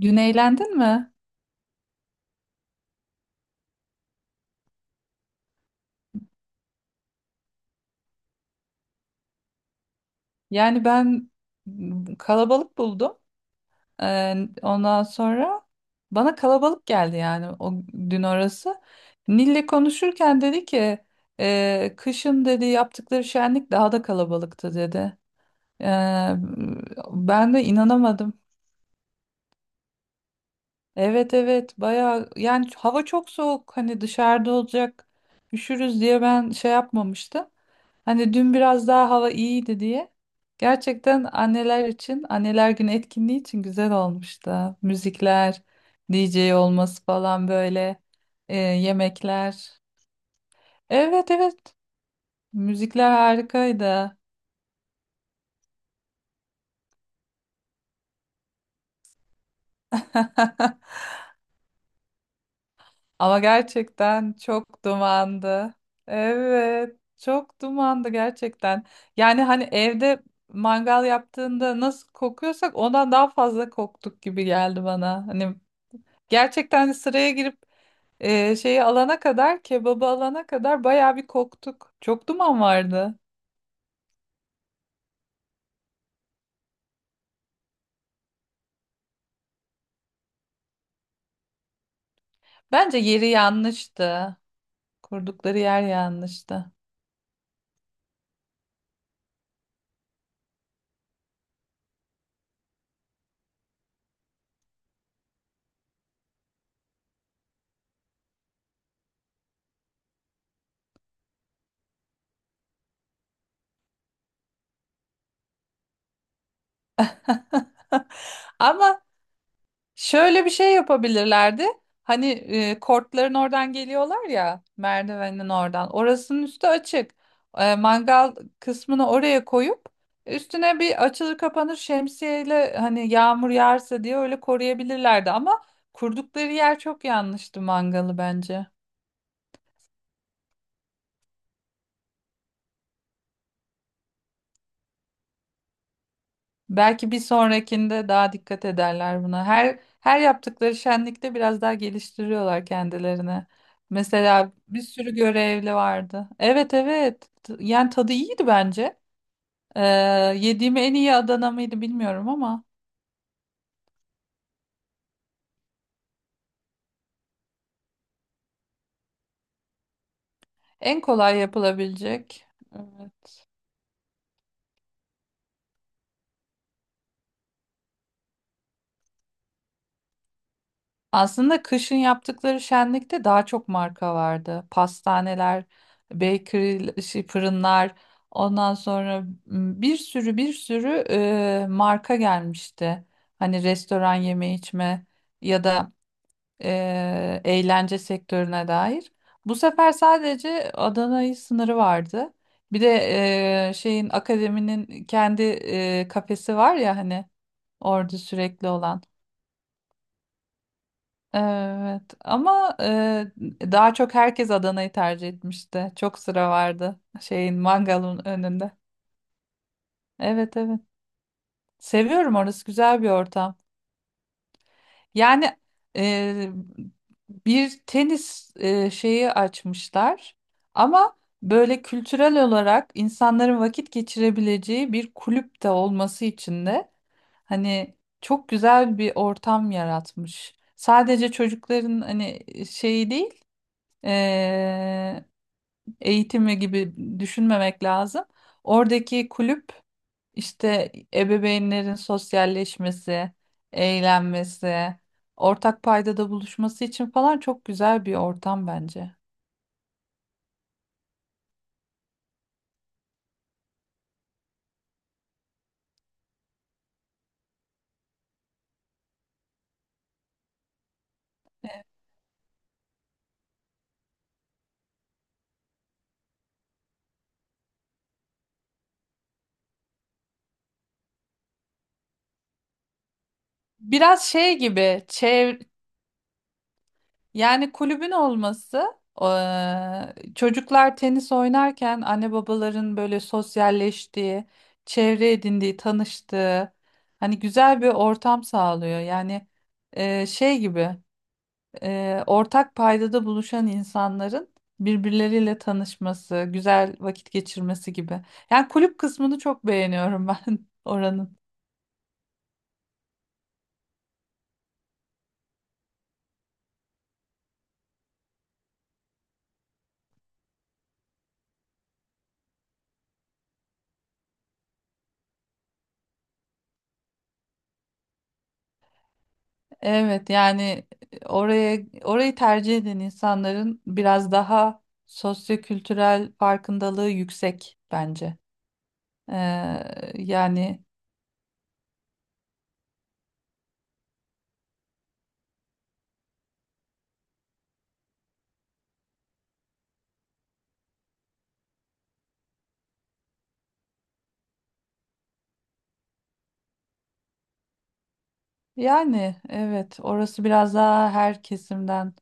Dün eğlendin mi? Yani ben kalabalık buldum. Ee, ondan sonra bana kalabalık geldi yani o dün orası. Nil'le konuşurken dedi ki kışın dedi yaptıkları şenlik daha da kalabalıktı dedi. Ee, ben de inanamadım. Evet evet bayağı yani hava çok soğuk hani dışarıda olacak üşürüz diye ben şey yapmamıştım. Hani dün biraz daha hava iyiydi diye. Gerçekten anneler için anneler günü etkinliği için güzel olmuştu. Müzikler, DJ olması falan böyle yemekler. Evet evet, müzikler harikaydı. Ama gerçekten çok dumandı. Evet, çok dumandı gerçekten. Yani hani evde mangal yaptığında nasıl kokuyorsak ondan daha fazla koktuk gibi geldi bana. Hani gerçekten hani sıraya girip şeyi alana kadar, kebabı alana kadar bayağı bir koktuk. Çok duman vardı. Bence yeri yanlıştı. Kurdukları yer yanlıştı. Ama şöyle bir şey yapabilirlerdi. Hani kortların oradan geliyorlar ya, merdivenin oradan. Orasının üstü açık. Mangal kısmını oraya koyup üstüne bir açılır kapanır şemsiyeyle hani yağmur yağarsa diye öyle koruyabilirlerdi. Ama kurdukları yer çok yanlıştı mangalı bence. Belki bir sonrakinde daha dikkat ederler buna. Her yaptıkları şenlikte biraz daha geliştiriyorlar kendilerini. Mesela bir sürü görevli vardı. Evet evet. Yani tadı iyiydi bence. Ee, yediğim en iyi Adana mıydı bilmiyorum ama en kolay yapılabilecek. Aslında kışın yaptıkları şenlikte daha çok marka vardı. Pastaneler, bakery, şey, fırınlar, ondan sonra bir sürü marka gelmişti. Hani restoran, yeme içme ya da eğlence sektörüne dair. Bu sefer sadece Adana'yı sınırı vardı. Bir de şeyin, akademinin kendi kafesi var ya hani, orada sürekli olan. Evet ama daha çok herkes Adana'yı tercih etmişti. Çok sıra vardı şeyin, mangalın önünde. Evet evet. Seviyorum, orası güzel bir ortam. Yani e, bir tenis şeyi açmışlar ama böyle kültürel olarak insanların vakit geçirebileceği bir kulüp de olması için de hani çok güzel bir ortam yaratmış. Sadece çocukların hani şeyi değil, e, eğitimi gibi düşünmemek lazım. Oradaki kulüp işte ebeveynlerin sosyalleşmesi, eğlenmesi, ortak paydada buluşması için falan çok güzel bir ortam bence. Biraz şey gibi, yani kulübün olması, çocuklar tenis oynarken anne babaların böyle sosyalleştiği, çevre edindiği, tanıştığı hani güzel bir ortam sağlıyor. Yani şey gibi, ortak paydada buluşan insanların birbirleriyle tanışması, güzel vakit geçirmesi gibi. Yani kulüp kısmını çok beğeniyorum ben oranın. Evet yani orayı tercih eden insanların biraz daha sosyokültürel farkındalığı yüksek bence. Ee, yani yani evet, orası biraz daha her kesimden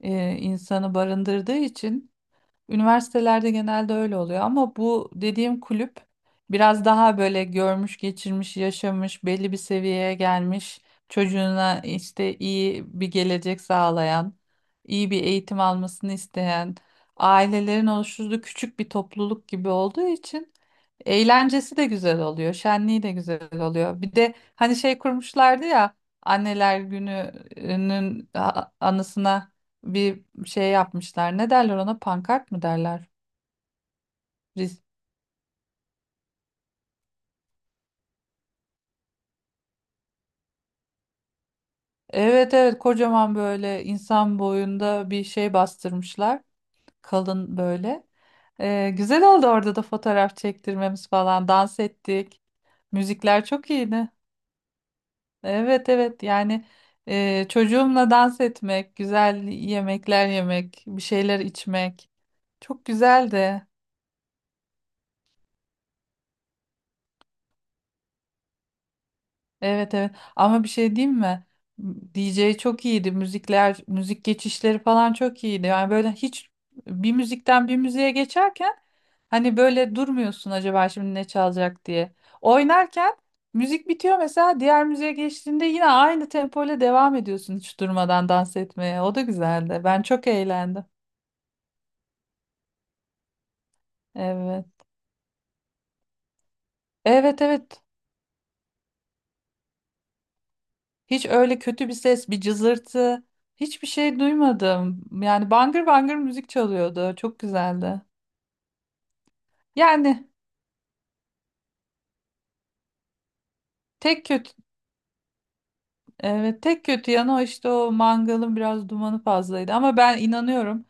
insanı barındırdığı için. Üniversitelerde genelde öyle oluyor ama bu dediğim kulüp biraz daha böyle görmüş, geçirmiş, yaşamış, belli bir seviyeye gelmiş, çocuğuna işte iyi bir gelecek sağlayan, iyi bir eğitim almasını isteyen ailelerin oluşturduğu küçük bir topluluk gibi olduğu için eğlencesi de güzel oluyor, şenliği de güzel oluyor. Bir de hani şey kurmuşlardı ya, Anneler Günü'nün anısına bir şey yapmışlar. Ne derler ona? Pankart mı derler? Riz- Evet evet, kocaman böyle insan boyunda bir şey bastırmışlar. Kalın böyle. Güzel oldu orada da fotoğraf çektirmemiz falan. Dans ettik. Müzikler çok iyiydi. Evet evet yani çocuğumla dans etmek, güzel yemekler yemek, bir şeyler içmek. Çok güzeldi. Evet evet, ama bir şey diyeyim mi? DJ çok iyiydi. Müzikler, müzik geçişleri falan çok iyiydi. Yani böyle hiç bir müzikten bir müziğe geçerken hani böyle durmuyorsun acaba şimdi ne çalacak diye. Oynarken müzik bitiyor mesela, diğer müziğe geçtiğinde yine aynı tempo ile devam ediyorsun hiç durmadan dans etmeye. O da güzeldi. Ben çok eğlendim. Evet. Evet evet. Hiç öyle kötü bir ses, bir cızırtı, hiçbir şey duymadım. Yani bangır bangır müzik çalıyordu. Çok güzeldi. Yani tek kötü evet, tek kötü yanı o işte, o mangalın biraz dumanı fazlaydı, ama ben inanıyorum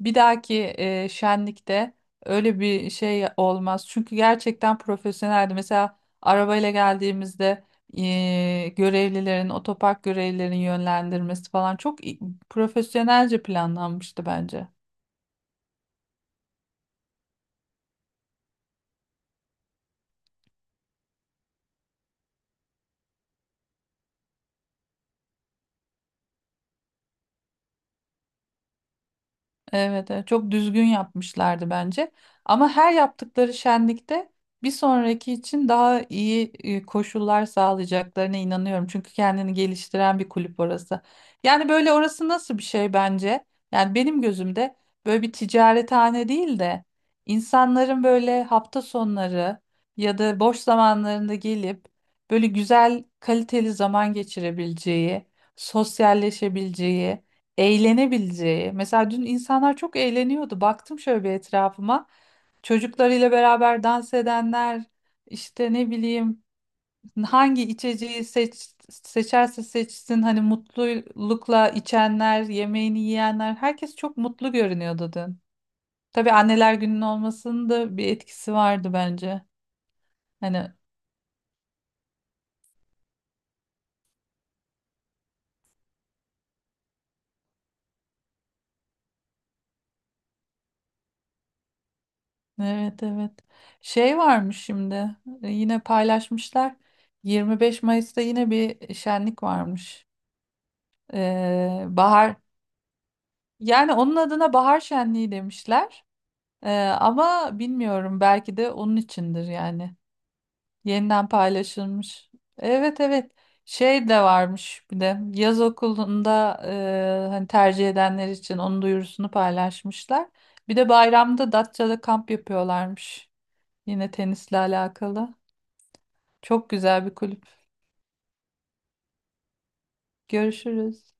bir dahaki şenlikte öyle bir şey olmaz. Çünkü gerçekten profesyoneldi. Mesela arabayla geldiğimizde görevlilerin, otopark görevlilerin yönlendirmesi falan çok profesyonelce planlanmıştı bence. Evet, evet, çok düzgün yapmışlardı bence. Ama her yaptıkları şenlikte bir sonraki için daha iyi koşullar sağlayacaklarına inanıyorum. Çünkü kendini geliştiren bir kulüp orası. Yani böyle orası nasıl bir şey bence? Yani benim gözümde böyle bir ticarethane değil de insanların böyle hafta sonları ya da boş zamanlarında gelip böyle güzel kaliteli zaman geçirebileceği, sosyalleşebileceği, eğlenebileceği. Mesela dün insanlar çok eğleniyordu. Baktım şöyle bir etrafıma. Çocuklarıyla beraber dans edenler, işte ne bileyim, hangi içeceği seçerse seçsin hani mutlulukla içenler, yemeğini yiyenler, herkes çok mutlu görünüyordu dün. Tabii anneler gününün olmasının da bir etkisi vardı bence. Hani evet evet. Şey varmış şimdi, yine paylaşmışlar. 25 Mayıs'ta yine bir şenlik varmış. Bahar, yani onun adına bahar şenliği demişler. Ee, ama bilmiyorum, belki de onun içindir yani. Yeniden paylaşılmış. Evet evet. Şey de varmış, bir de yaz okulunda hani tercih edenler için onun duyurusunu paylaşmışlar. Bir de bayramda Datça'da kamp yapıyorlarmış. Yine tenisle alakalı. Çok güzel bir kulüp. Görüşürüz.